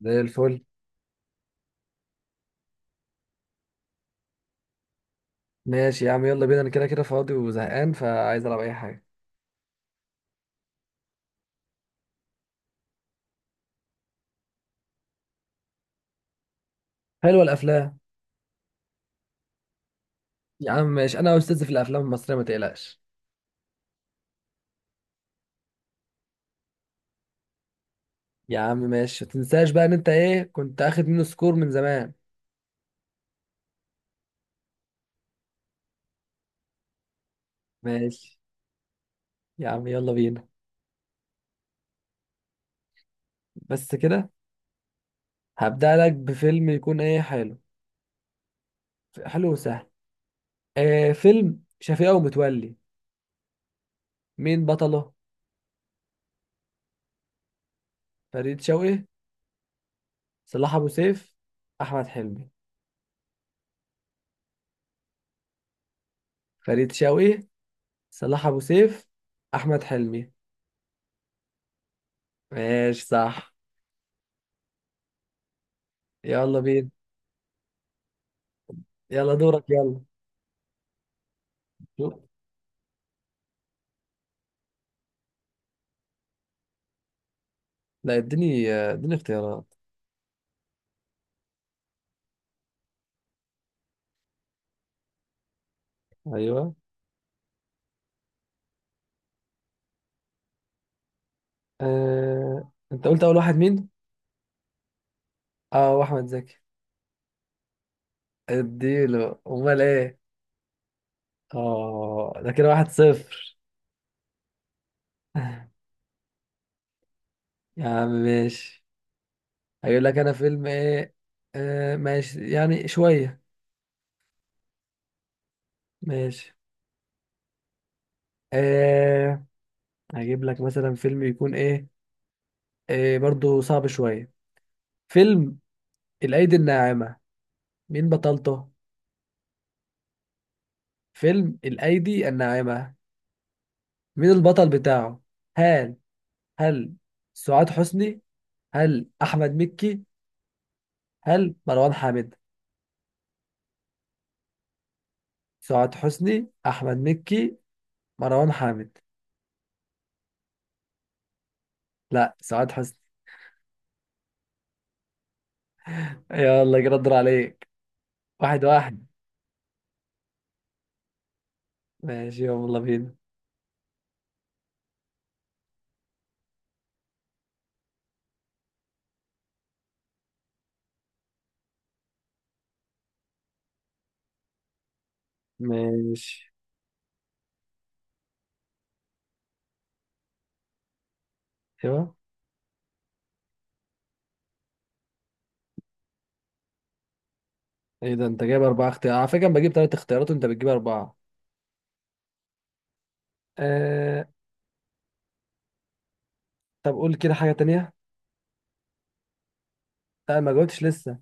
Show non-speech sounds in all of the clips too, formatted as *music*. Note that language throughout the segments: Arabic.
زي الفل. ماشي يا عم، يلا بينا. انا كده كده فاضي وزهقان، فعايز العب اي حاجه. حلوه الافلام. يا عم ماشي، انا استاذ في الافلام المصريه، ما تقلقش. يا عم ماشي، ما تنساش بقى ان انت ايه كنت اخد منه سكور من زمان. ماشي يا عم، يلا بينا. بس كده، هبدأ لك بفيلم يكون ايه حلو. حلو وسهل. آه، فيلم شفيقة ومتولي. مين بطله؟ فريد شوقي، صلاح ابو سيف، احمد حلمي. فريد شوقي، صلاح ابو سيف، احمد حلمي. ماشي، صح. يلا بينا. يلا دورك يلا. شو- لا، اديني اختيارات. ايوه. انت قلت اول واحد مين؟ اه، احمد زكي. اديله امال ايه؟ اه، ده كده 1-0. *laughs* يا عم ماشي. هيقول لك انا فيلم ايه. آه ماشي، يعني شوية. ماشي. آه. هجيب لك مثلا فيلم يكون ايه. آه برضو صعب شوية. فيلم الأيدي الناعمة. مين بطلته؟ فيلم الأيدي الناعمة. مين البطل بتاعه؟ هل هل سعاد حسني؟ هل احمد مكي؟ هل مروان حامد؟ سعاد حسني، احمد مكي، مروان حامد. لا، سعاد حسني. يلا كده الدور عليك. واحد واحد. ماشي يلا بينا. ماشي. ايوه. ايه ده؟ انت جايب اربعة اختيارات على فكرة، انا بجيب ثلاث اختيارات وانت بتجيب اربعة. آه... طب قول كده حاجة تانية. لا، ما جاوبتش لسه.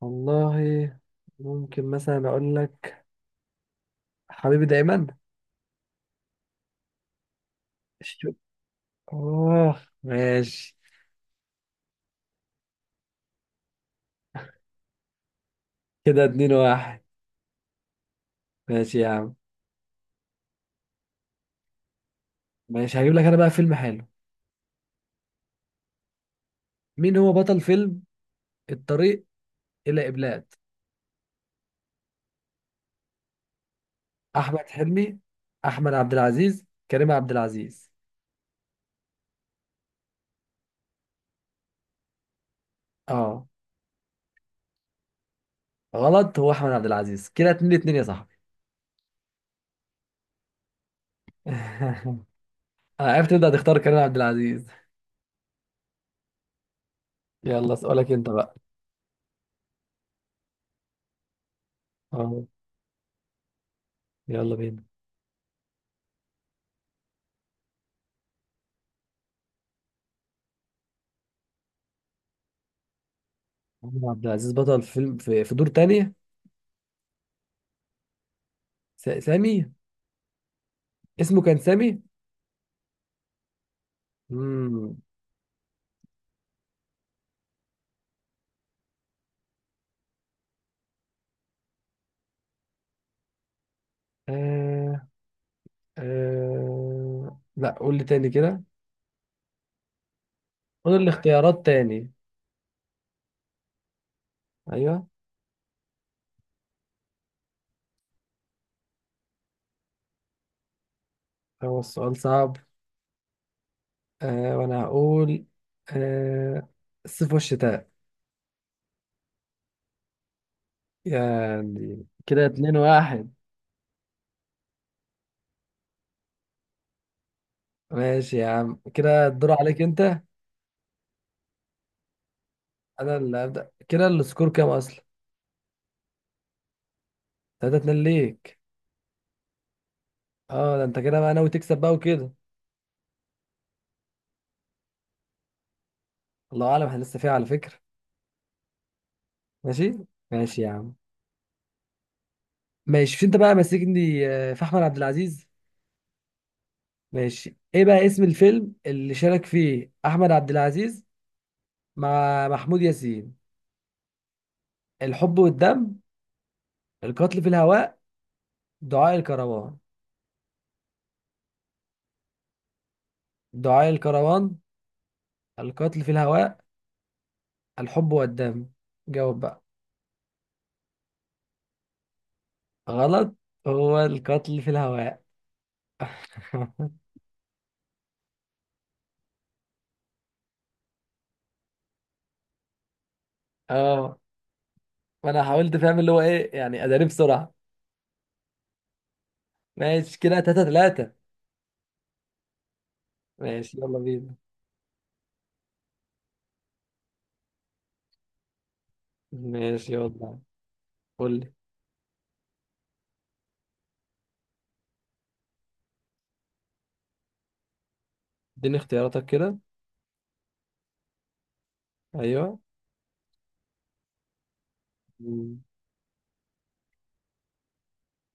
والله، ممكن مثلا اقول لك حبيبي دايما. اوه ماشي. كده 2-1. ماشي يا عم. ماشي. هجيب لك انا بقى فيلم حلو. مين هو بطل فيلم الطريق الى ابلاد؟ احمد حلمي، احمد عبد العزيز، كريم عبد العزيز. اه. غلط، هو احمد عبد العزيز. كده 2-2 يا صاحبي. *laughs* انا عرفت انت هتختار كريم عبد العزيز. يلا سؤالك انت بقى. اه، يلا بينا. احمد عبد العزيز بطل فيلم في دور تاني. سامي. اسمه كان سامي. امم لا، قول لي تاني كده. قول الاختيارات تاني. ايوه. هو السؤال صعب. وانا هقول أه... الصيف والشتاء. يعني كده 2-1. ماشي يا عم، كده الدور عليك انت. انا اللي هبدأ. كده السكور كام اصلا؟ 3-2 ليك. اه، ده انت كده بقى ناوي تكسب بقى وكده. الله اعلم، احنا لسه فيها على فكرة. ماشي. ماشي يا عم. ماشي، في انت بقى ماسكني في احمد عبد العزيز. ماشي، ايه بقى اسم الفيلم اللي شارك فيه احمد عبد العزيز مع محمود ياسين؟ الحب والدم، القتل في الهواء، دعاء الكروان. دعاء الكروان، القتل في الهواء، الحب والدم. جاوب بقى. غلط، هو القتل في الهواء. *laughs* اه، ما انا حاولت فاهم اللي هو ايه، يعني اداني بسرعة. ماشي، كده 3-3. ماشي يلا بينا. ماشي. يلا. قول لي. اديني اختياراتك كده. ايوه.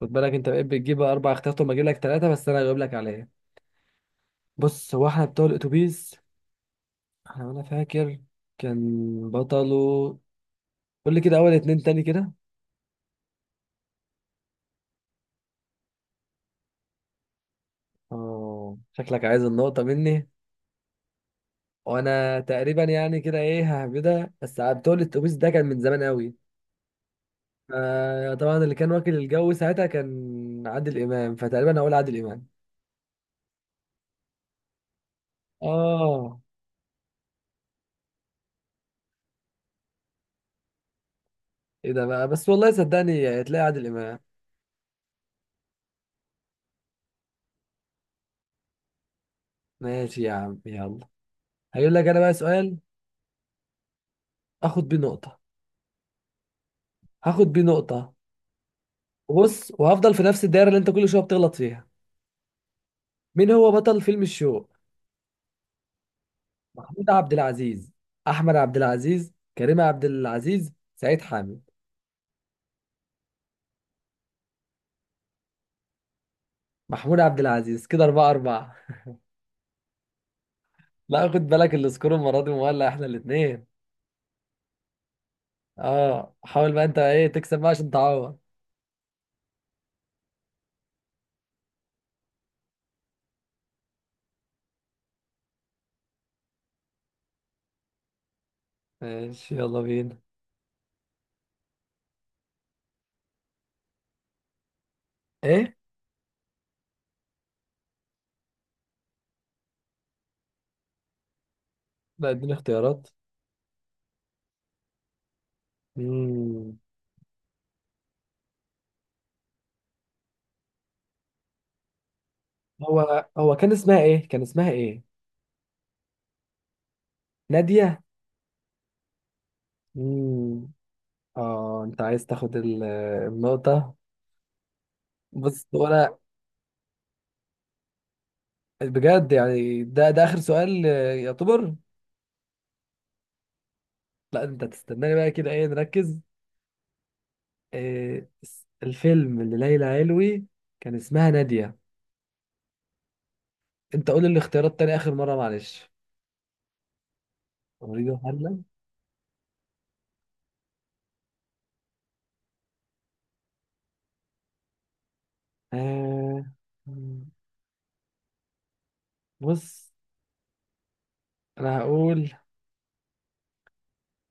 خد بالك انت بقيت بتجيب اربع اختيارات وما اجيب لك ثلاثه، بس انا هجيب لك عليها. بص، هو احنا بتوع الاتوبيس. احنا وانا فاكر كان بطله. قول لي كده اول اتنين تاني كده. اه، شكلك عايز النقطه مني. وانا تقريبا يعني كده ايه ههبدها، بس بتوع الاتوبيس ده كان من زمان قوي. آه طبعا، اللي كان واكل الجو ساعتها كان عادل امام، فتقريبا هقول عادل امام. اه. ايه ده بقى؟ بس والله صدقني هتلاقي عادل امام. ماشي يا عم يلا. هجيب لك انا بقى سؤال اخد بيه نقطه. هاخد بيه نقطة. بص، وهفضل في نفس الدايرة اللي انت كل شوية بتغلط فيها. مين هو بطل فيلم الشوق؟ محمود عبد العزيز، أحمد عبد العزيز، كريم عبد العزيز، سعيد حامد. محمود عبد العزيز. كده 4-4. لا خد بالك، السكور المرة دي مولع، احنا الاتنين. اه، حاول بقى انت ايه تكسب بقى عشان تعوض. ماشي يلا بينا. ايه؟ لا، اديني اختيارات. مم. هو كان اسمها ايه؟ نادية. مم. اه، انت عايز تاخد النقطة. بص هو انا بجد يعني ده اخر سؤال يعتبر. لا، انت تستناني بقى كده ايه نركز. آه، الفيلم اللي ليلى علوي كان اسمها نادية. انت قول الاختيارات تاني اخر مرة معلش. اريد حلا. آه، بص انا هقول.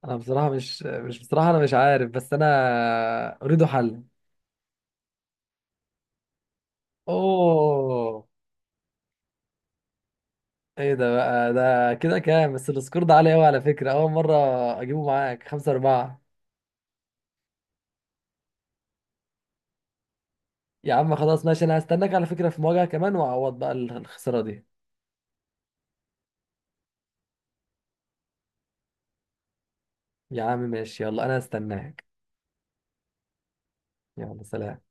انا بصراحة مش بصراحة انا مش عارف، بس انا اريد حلا. اوه. ايه ده بقى؟ ده كده كام بس؟ السكور ده عالي قوي على فكرة، اول مرة اجيبه معاك. 5-4. يا عم خلاص ماشي، انا هستناك على فكرة، في مواجهة كمان واعوض بقى الخسارة دي. يا عم ماشي، يلا انا هستناك. يلا، سلام.